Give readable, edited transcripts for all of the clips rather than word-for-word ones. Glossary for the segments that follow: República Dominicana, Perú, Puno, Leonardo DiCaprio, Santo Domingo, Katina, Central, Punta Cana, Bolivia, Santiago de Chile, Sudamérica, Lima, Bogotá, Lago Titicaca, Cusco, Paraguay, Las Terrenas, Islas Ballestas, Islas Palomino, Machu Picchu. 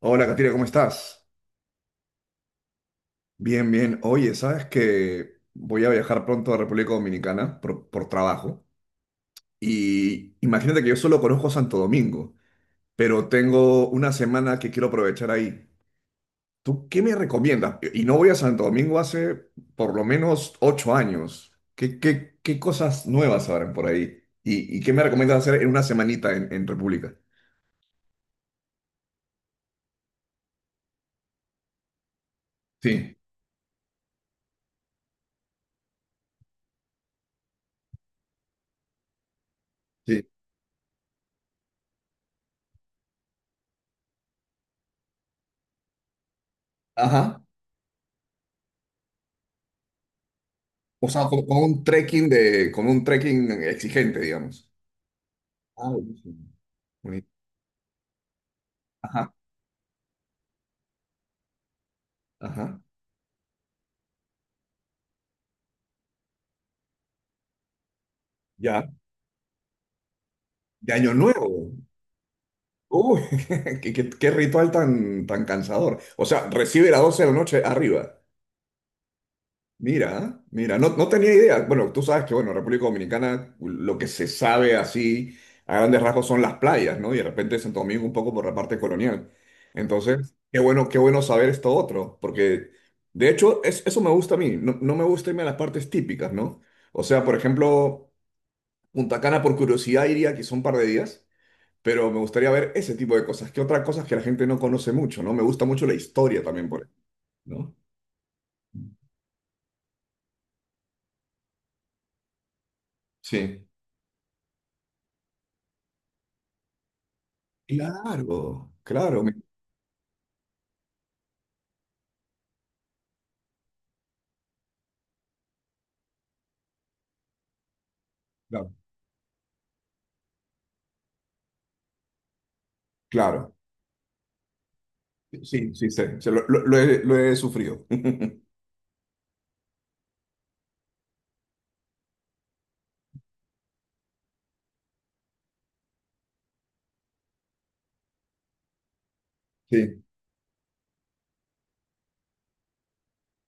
Hola, Katina, ¿cómo estás? Bien, bien. Oye, ¿sabes que voy a viajar pronto a República Dominicana por trabajo? Y imagínate que yo solo conozco Santo Domingo, pero tengo una semana que quiero aprovechar ahí. ¿Tú qué me recomiendas? Y no voy a Santo Domingo hace por lo menos 8 años. ¿Qué cosas nuevas habrán por ahí? ¿Y qué me recomiendas hacer en una semanita en República? Sí, sí. Ajá. O sea, con un trekking exigente, digamos. Ah, buenísimo. Bonito. Ajá, ajá. Ya, de Año Nuevo. Uy, qué ritual tan cansador. O sea, recibe las 12 de la noche arriba. Mira, mira, no, no tenía idea. Bueno, tú sabes que, bueno, República Dominicana, lo que se sabe así a grandes rasgos son las playas, ¿no? Y de repente Santo Domingo un poco por la parte colonial. Entonces, qué bueno saber esto otro, porque de hecho eso me gusta a mí. No, no me gusta irme a las partes típicas, ¿no? O sea, por ejemplo, Punta Cana por curiosidad iría, que son un par de días, pero me gustaría ver ese tipo de cosas. ¿Qué otras cosas que la gente no conoce mucho, no? Me gusta mucho la historia también, por ejemplo, ¿no? Sí. Claro, claro, me- claro, claro. Sí, sí, sé, sé, lo he sufrido. Sí.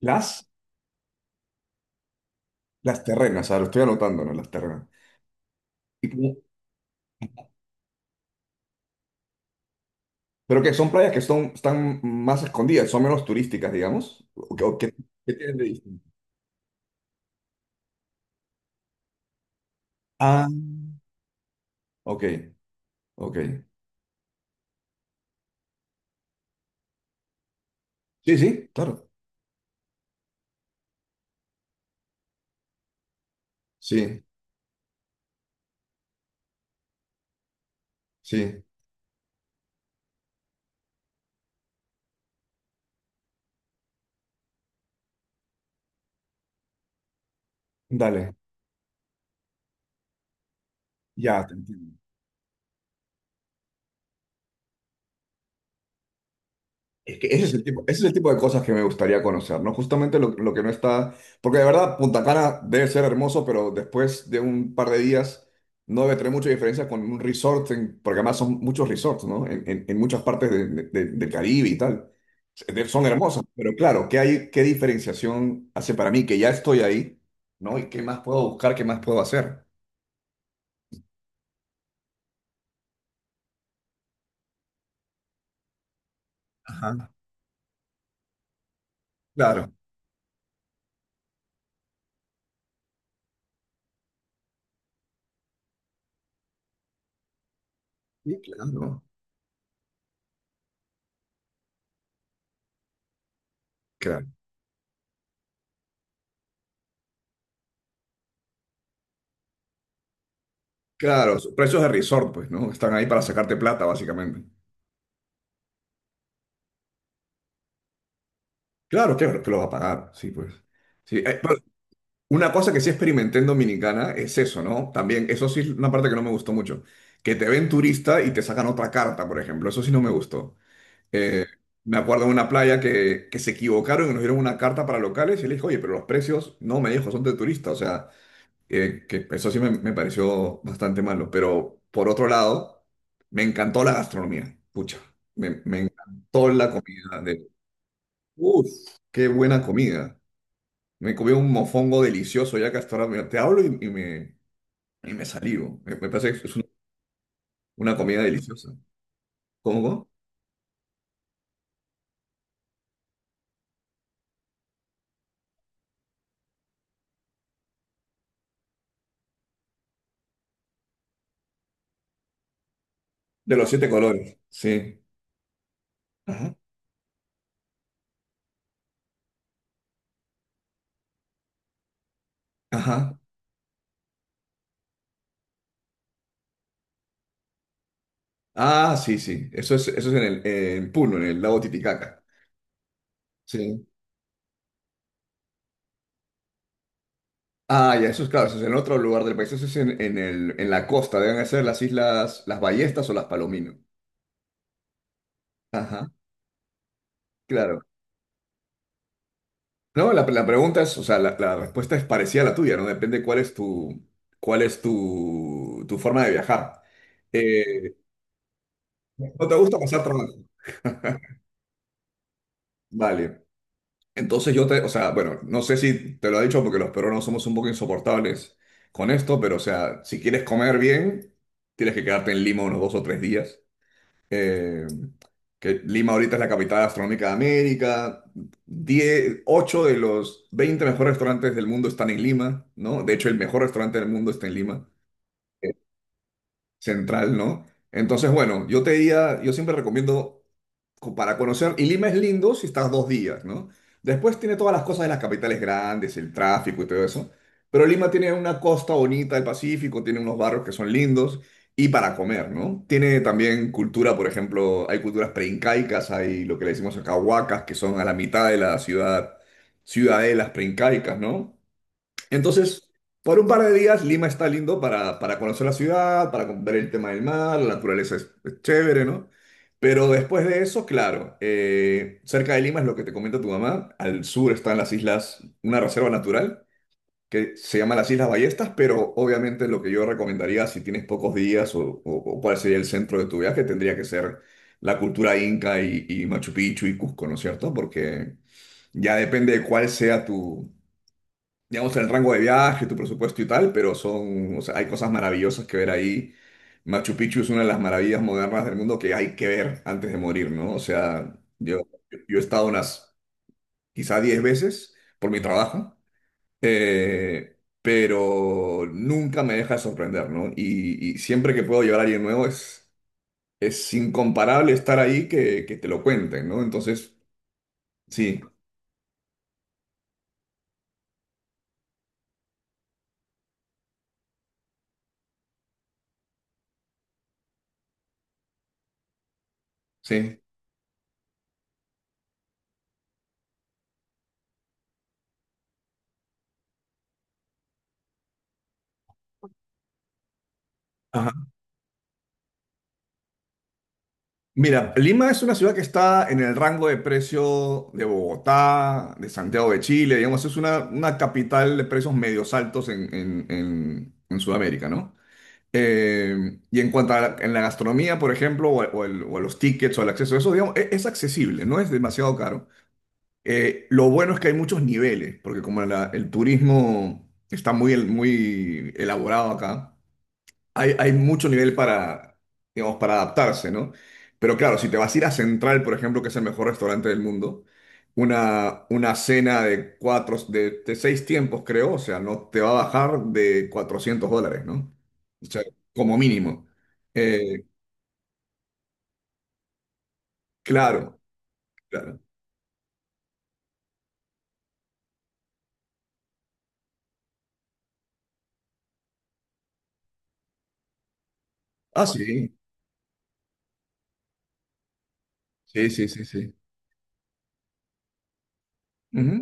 Las, las Terrenas, ah, lo estoy anotando, ¿no? Las Terrenas. Y como- pero que son playas que están más escondidas, son menos turísticas, digamos. ¿O qué tienen de distinto? Ah, ok, ok. Sí, sí, claro. Sí. Sí, dale, ya te entiendo. Es que ese es el tipo, ese es el tipo de cosas que me gustaría conocer, ¿no? Justamente lo que no está, porque de verdad Punta Cana debe ser hermoso, pero después de un par de días no debe tener mucha diferencia con un resort, porque además son muchos resorts, ¿no? En muchas partes del Caribe y tal. Son hermosos, pero claro, qué diferenciación hace para mí que ya estoy ahí, no? ¿Y qué más puedo buscar, qué más puedo hacer? Ajá. Claro. Sí, claro. Claro. Claro, son precios de resort, pues, ¿no? Están ahí para sacarte plata, básicamente. Claro, que los va a pagar, sí, pues. Sí, pero una cosa que sí experimenté en Dominicana es eso, ¿no? También, eso sí es una parte que no me gustó mucho. Que te ven turista y te sacan otra carta, por ejemplo. Eso sí no me gustó. Eh, me acuerdo de una playa que se equivocaron y nos dieron una carta para locales y le dije, oye, pero los precios, no, me dijo, son de turista. O sea, que eso sí me pareció bastante malo, pero por otro lado, me encantó la gastronomía, pucha, me encantó la comida uff, qué buena comida, me comí un mofongo delicioso, ya que hasta ahora te hablo y me salivo, me parece que es una comida deliciosa. ¿Cómo? ¿Cómo? De los siete colores, sí. Ajá. Ajá. Ah, sí, sí, eso es en Puno, en el lago Titicaca. Sí. Ah, ya, eso es claro, eso es en otro lugar del país, eso es en la costa, deben ser las islas, las Ballestas o las Palomino. Ajá, claro. No, la pregunta es, o sea, la respuesta es parecida a la tuya, ¿no? Depende cuál es tu forma de viajar. Eh, ¿no te gusta pasar trabajo? Vale. Entonces o sea, bueno, no sé si te lo he dicho porque los peruanos somos un poco insoportables con esto, pero o sea, si quieres comer bien, tienes que quedarte en Lima unos 2 o 3 días. eh, que Lima ahorita es la capital gastronómica de América. 10, 8 de los 20 mejores restaurantes del mundo están en Lima, ¿no? De hecho, el mejor restaurante del mundo está en Lima Central, ¿no? Entonces, bueno, yo te diría, yo siempre recomiendo para conocer, y Lima es lindo si estás 2 días, ¿no? Después tiene todas las cosas de las capitales grandes, el tráfico y todo eso, pero Lima tiene una costa bonita del Pacífico, tiene unos barrios que son lindos y para comer, ¿no? Tiene también cultura, por ejemplo, hay culturas preincaicas, hay lo que le decimos acá huacas, que son a la mitad de la ciudad, ciudadelas preincaicas, ¿no? Entonces, por un par de días, Lima está lindo para conocer la ciudad, para ver el tema del mar, la naturaleza es chévere, ¿no? Pero después de eso, claro, cerca de Lima es lo que te comenta tu mamá, al sur están las islas, una reserva natural que se llama las Islas Ballestas, pero obviamente lo que yo recomendaría si tienes pocos días o cuál sería el centro de tu viaje tendría que ser la cultura inca y Machu Picchu y Cusco, ¿no es cierto? Porque ya depende de cuál sea tu digamos, en el rango de viaje, tu presupuesto y tal, pero o sea, hay cosas maravillosas que ver ahí. Machu Picchu es una de las maravillas modernas del mundo que hay que ver antes de morir, ¿no? O sea, yo he estado unas quizá 10 veces por mi trabajo, pero nunca me deja de sorprender, ¿no? Y siempre que puedo llevar a alguien nuevo es incomparable estar ahí que te lo cuenten, ¿no? Entonces, sí, sí. Mira, Lima es una ciudad que está en el rango de precio de Bogotá, de Santiago de Chile, digamos, es una capital de precios medios altos en Sudamérica, ¿no? Y en cuanto en la gastronomía, por ejemplo, o a los tickets o al acceso a eso, digamos, es accesible, no es demasiado caro. Lo bueno es que hay muchos niveles, porque como el turismo está muy elaborado acá, hay mucho nivel digamos, para adaptarse, ¿no? Pero claro, si te vas a ir a Central, por ejemplo, que es el mejor restaurante del mundo, una cena de seis tiempos, creo, o sea, no te va a bajar de $400, ¿no? O sea, como mínimo. Eh, claro, claro. Ah, sí, sí, sí, sí, sí. Ujú,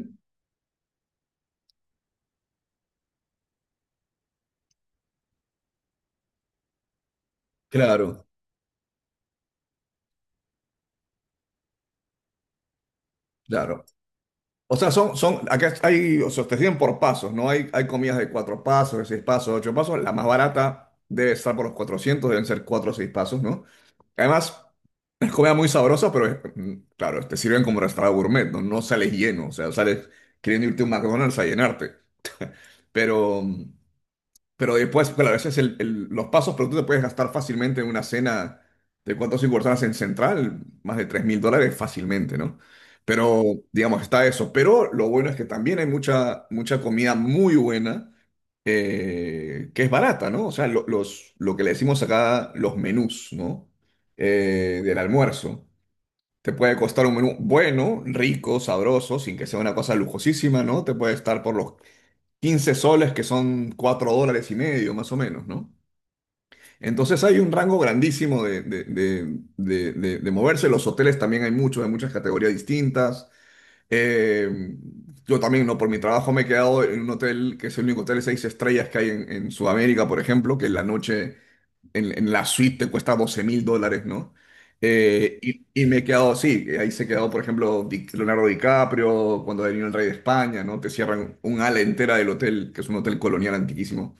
claro, claro. O sea, acá hay, o sea, te siguen por pasos, ¿no? Hay comidas de cuatro pasos, de seis pasos, de ocho pasos. La más barata debe estar por los 400. Deben ser cuatro o seis pasos, ¿no? Además, es comida muy sabrosa, pero claro, te sirven como restaurante gourmet, ¿no? No sales lleno, o sea, sales queriendo irte a un McDonald's a llenarte. Pero, mm, pero después, claro, a veces los pasos, pero tú te puedes gastar fácilmente en una cena de cuatro o cinco personas en Central, más de $3.000 fácilmente, ¿no? Pero, digamos, está eso. Pero lo bueno es que también hay mucha, mucha comida muy buena, que es barata, ¿no? O sea, lo que le decimos acá, los menús, ¿no? Del almuerzo. Te puede costar un menú bueno, rico, sabroso, sin que sea una cosa lujosísima, ¿no? Te puede estar por los 15 soles, que son $4,50, más o menos, ¿no? Entonces hay un rango grandísimo de moverse. Los hoteles también hay muchos, de muchas categorías distintas. Eh, yo también, ¿no? Por mi trabajo me he quedado en un hotel que es el único hotel de 6 estrellas que hay en Sudamérica, por ejemplo, que la noche en la suite te cuesta $12.000, ¿no? Y me he quedado así, ahí se quedó, por ejemplo, Leonardo DiCaprio, cuando vino el rey de España, ¿no? Te cierran un ala entera del hotel, que es un hotel colonial antiquísimo.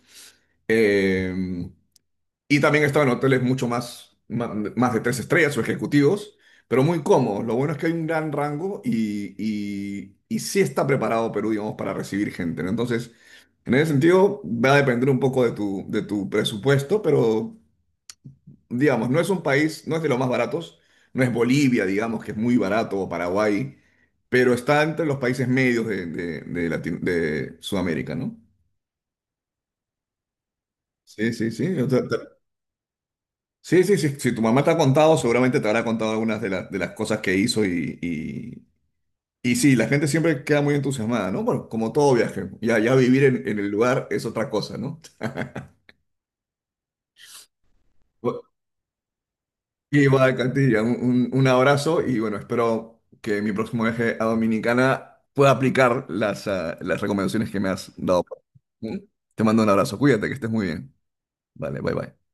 Eh, y también estaba en hoteles mucho más, de 3 estrellas o ejecutivos, pero muy cómodos. Lo bueno es que hay un gran rango y sí está preparado Perú, digamos, para recibir gente, ¿no? Entonces, en ese sentido, va a depender un poco de tu presupuesto, pero digamos, no es un país, no es de los más baratos, no es Bolivia, digamos, que es muy barato, o Paraguay, pero está entre los países medios de Sudamérica, ¿no? Sí, sí, sí. O sea, sí, sí, sí. Si tu mamá te ha contado, seguramente te habrá contado algunas las de las cosas que hizo y sí, la gente siempre queda muy entusiasmada, ¿no? Bueno, como todo viaje, ya vivir en el lugar es otra cosa, ¿no? Igual, Cantilla, un abrazo y bueno, espero que mi próximo viaje a Dominicana pueda aplicar las recomendaciones que me has dado. ¿Mm? Te mando un abrazo, cuídate, que estés muy bien. Vale, bye bye.